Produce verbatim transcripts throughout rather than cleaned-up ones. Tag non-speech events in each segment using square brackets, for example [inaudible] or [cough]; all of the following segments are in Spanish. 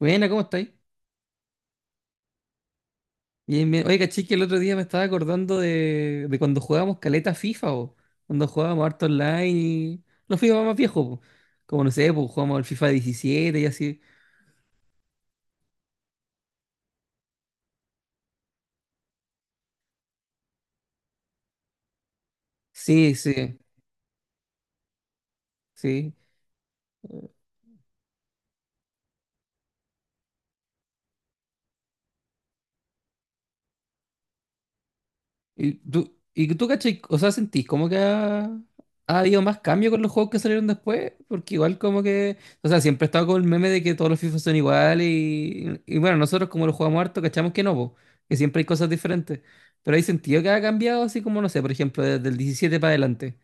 Buena, ¿cómo estáis? Bien, bien. Oye, caché que el otro día me estaba acordando de, de cuando jugábamos caleta FIFA, o cuando jugábamos harto online y los FIFA más viejos, po. Como no sé, pues jugábamos el FIFA diecisiete y así. Sí, sí, sí. Y tú, y tú cachai, o sea, sentís como que ha, ha habido más cambio con los juegos que salieron después, porque igual como que, o sea, siempre he estado con el meme de que todos los FIFA son iguales y, y bueno, nosotros como los jugamos harto, cachamos que no, po, que siempre hay cosas diferentes, pero hay sentido que ha cambiado así como, no sé, por ejemplo, desde el diecisiete para adelante.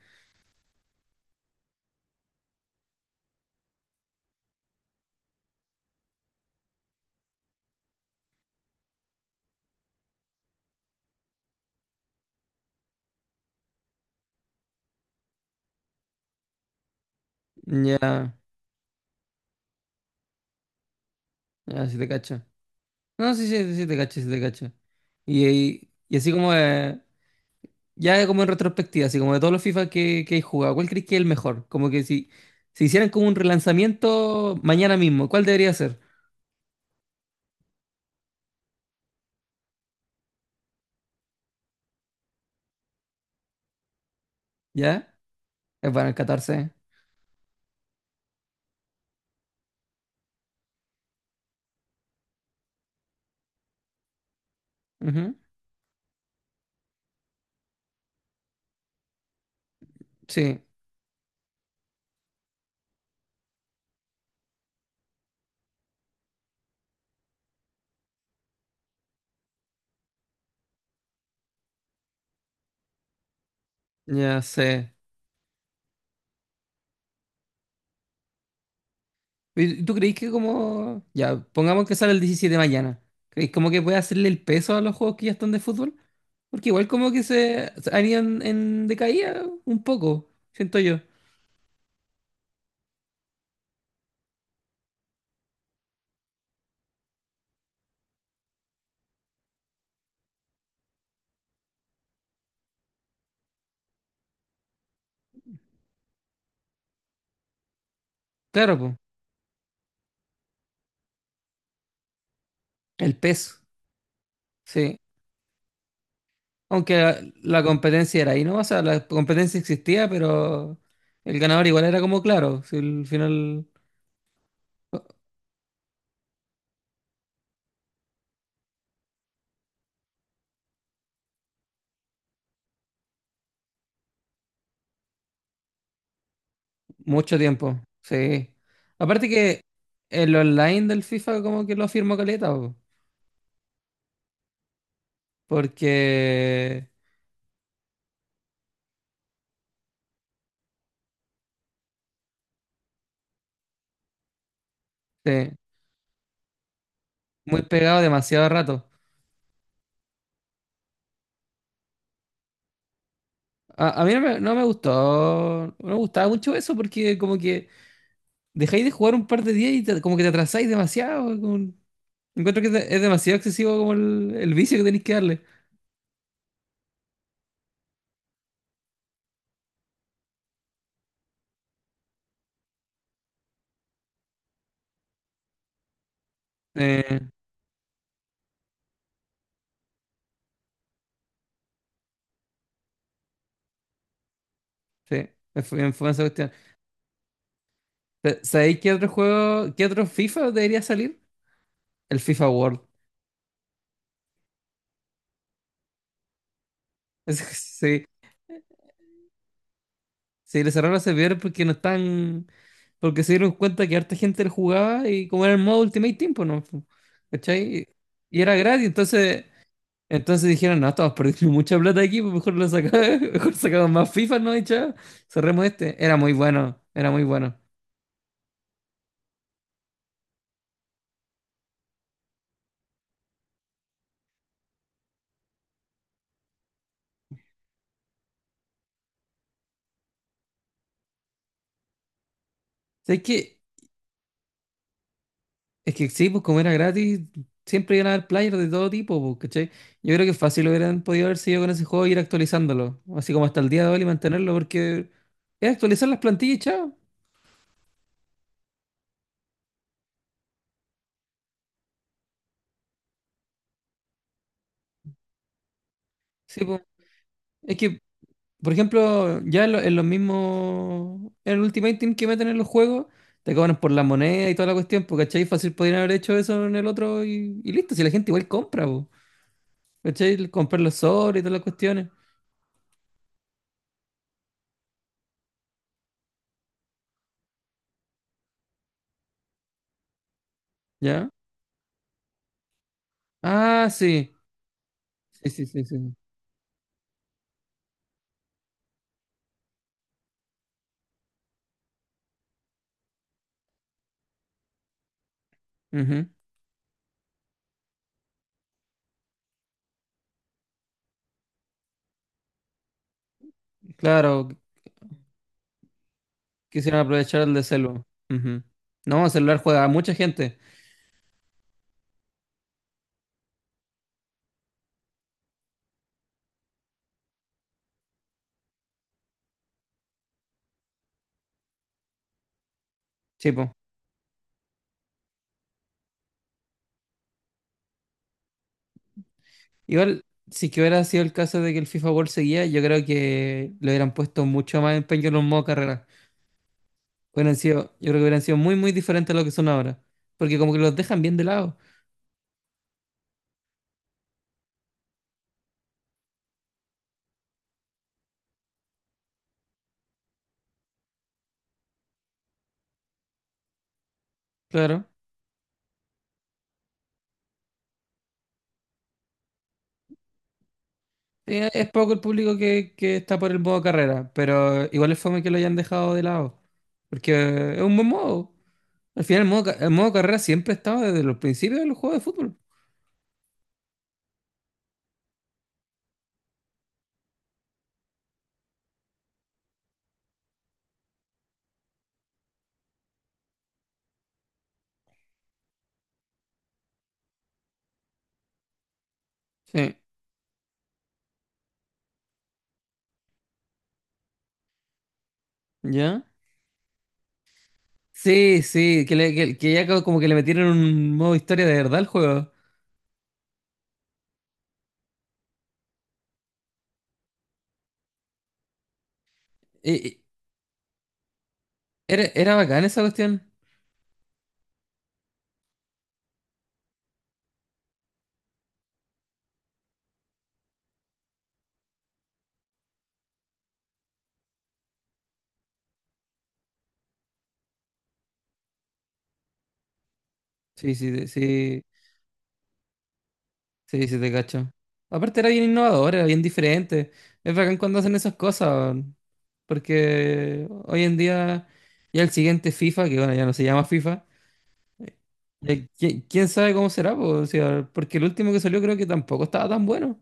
Ya, ya, si te cacho. No, sí, sí, sí te cacho, sí te cacho. Y, y, y así como, eh, ya como en retrospectiva, así como de todos los FIFA que, que he jugado, ¿cuál crees que es el mejor? Como que si, si hicieran como un relanzamiento mañana mismo, ¿cuál debería ser? ¿Ya? Es bueno, el catorce. Ujú. Sí, ya sé. ¿Y tú crees que como... Ya, pongamos que sale el diecisiete mañana. ¿Crees como que puede hacerle el peso a los juegos que ya están de fútbol? Porque igual como que se se han ido en, en decaída un poco, siento yo. Claro, pues. El peso. Sí. Aunque la, la competencia era ahí, ¿no? O sea, la competencia existía, pero el ganador igual era como claro, si al final mucho tiempo. Sí. Aparte que el online del FIFA como que lo firmó caleta, po, porque sí, muy pegado demasiado rato. A, a mí no me, no me gustó, no me gustaba mucho eso porque como que dejáis de jugar un par de días y te- como que te atrasáis demasiado. Como encuentro que es de- es demasiado excesivo como el, el vicio que tenéis que darle. Sí. Sí, es fu- es fu- esa cuestión. Pe- ¿Sabéis qué otro juego, qué otro FIFA debería salir? El FIFA World. [laughs] Es- Sí, sí, le cerraron los servidores porque no están, porque se dieron cuenta que harta gente lo jugaba y como era el modo Ultimate Team, pues no, fu- ¿cachai? Y era gratis, entonces, entonces dijeron, no, estamos perdiendo mucha plata aquí, pues mejor lo sacamos, [laughs] mejor sacamos más FIFA, ¿no? Y chao, cerremos este. Era muy bueno, era muy bueno. ¿Sabéis qué? Es que sí, pues como era gratis, siempre iban a haber players de todo tipo, pues, ¿cachai? Yo creo que fácil hubieran podido haber seguido con ese juego e ir actualizándolo, así como hasta el día de hoy y mantenerlo, porque es actualizar las plantillas, y chao. Sí, pues. Es que, por ejemplo, ya en, lo- en los mismos, en el Ultimate Team que meten en los juegos, te cobran por la moneda y toda la cuestión, pues, ¿cachai? Fácil podrían haber hecho eso en el otro y, y listo, si la gente igual compra, pues, ¿cachai? Comprar los sobres y todas las cuestiones, ¿ya? Ah, sí, sí, sí, sí, sí. Ujú. Claro, quisieron aprovechar el de celu. Ujú. No, celular juega a mucha gente. Sí, po. Igual, si que hubiera sido el caso de que el FIFA World seguía, yo creo que le hubieran puesto mucho más empeño en los modos carrera. Hubieran sido, yo creo que hubieran sido muy, muy diferentes a lo que son ahora. Porque como que los dejan bien de lado. Claro. Eh, es poco el público que, que está por el modo carrera, pero igual es fome que lo hayan dejado de lado. Porque es un buen modo. Al final, el modo, ca- el modo carrera siempre ha estado desde los principios de los juegos de fútbol. Sí. ¿Ya? Sí, sí, que, le- que- que ya co- como que le metieron un modo historia de verdad al juego. Y- y- era, era bacán esa cuestión. Sí, sí, te- sí, sí, sí, te cacho. Aparte era bien innovador, era bien diferente. Es bacán cuando hacen esas cosas, weón. Porque hoy en día ya el siguiente FIFA, que bueno, ya no se llama FIFA, eh, eh, ¿qui- ¿quién sabe cómo será, po? O sea, porque el último que salió creo que tampoco estaba tan bueno.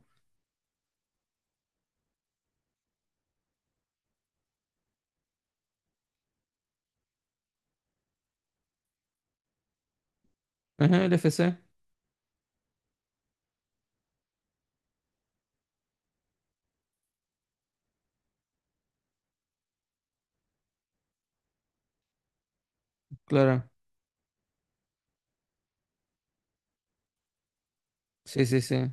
Ajá, el F C, claro. Sí, sí, sí.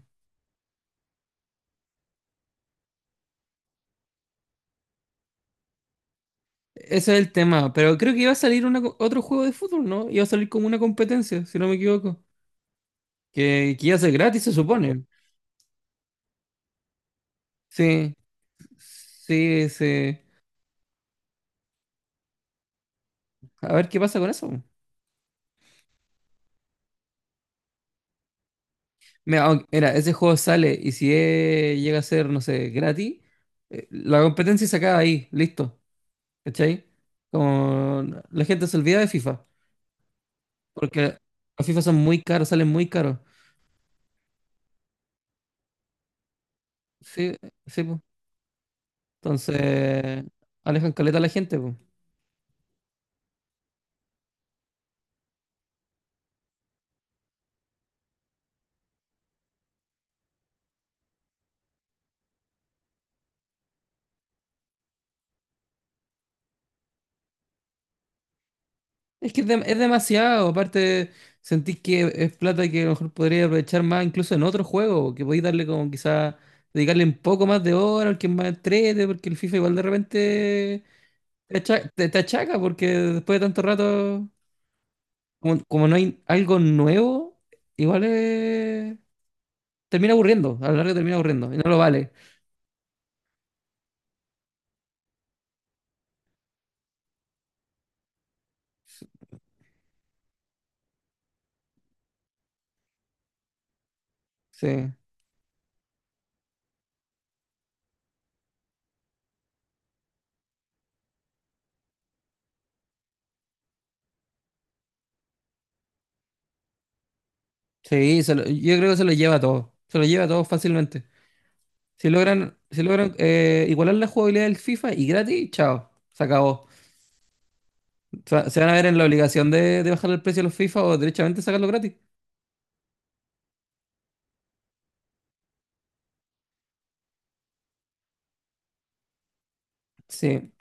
Ese es el tema, pero creo que iba a salir una co- otro juego de fútbol, ¿no? Iba a salir como una competencia, si no me equivoco. Que, que iba a ser gratis, se supone. Sí, sí, sí. A ver qué pasa con eso. Mira, aunque- mira, ese juego sale y si eh, llega a ser, no sé, gratis, eh, la competencia se acaba ahí, listo. ¿Cachai? Como la gente se olvida de FIFA, porque los FIFA son muy caros, salen muy caros. Sí, sí, pues. Entonces, alejan caleta a la gente, pues. Es que es, dem- es demasiado, aparte sentís que es plata que a lo mejor podría aprovechar más incluso en otro juego, que podéis darle como quizá, dedicarle un poco más de hora, al que es más entrete, porque el FIFA igual de repente te acha- te- te achaca, porque después de tanto rato, como, como no hay algo nuevo, igual es- termina aburriendo, a lo largo termina aburriendo, y no lo vale. Sí, sí, se lo- yo creo que se lo lleva todo, se lo lleva todo fácilmente. Si logran, si logran eh, igualar la jugabilidad del FIFA y gratis, chao, se acabó. Se, va- se van a ver en la obligación de, de bajar el precio de los FIFA o directamente sacarlo gratis. Sí,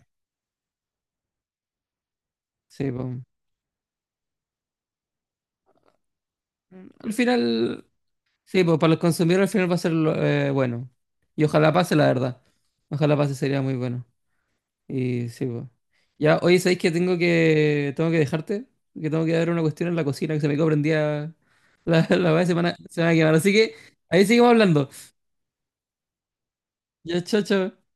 sí, po. Al final, sí, pues para los consumidores al final va a ser lo- eh, bueno. Y ojalá pase, la verdad. Ojalá pase, sería muy bueno. Y sí, pues. Ya, oye, ¿sabéis que tengo que tengo que dejarte? Que tengo que dar una cuestión en la cocina que se me quedó prendida la, [laughs] la, la semana, se me va a quemar. Así que ahí seguimos hablando. Ya, chao, chao.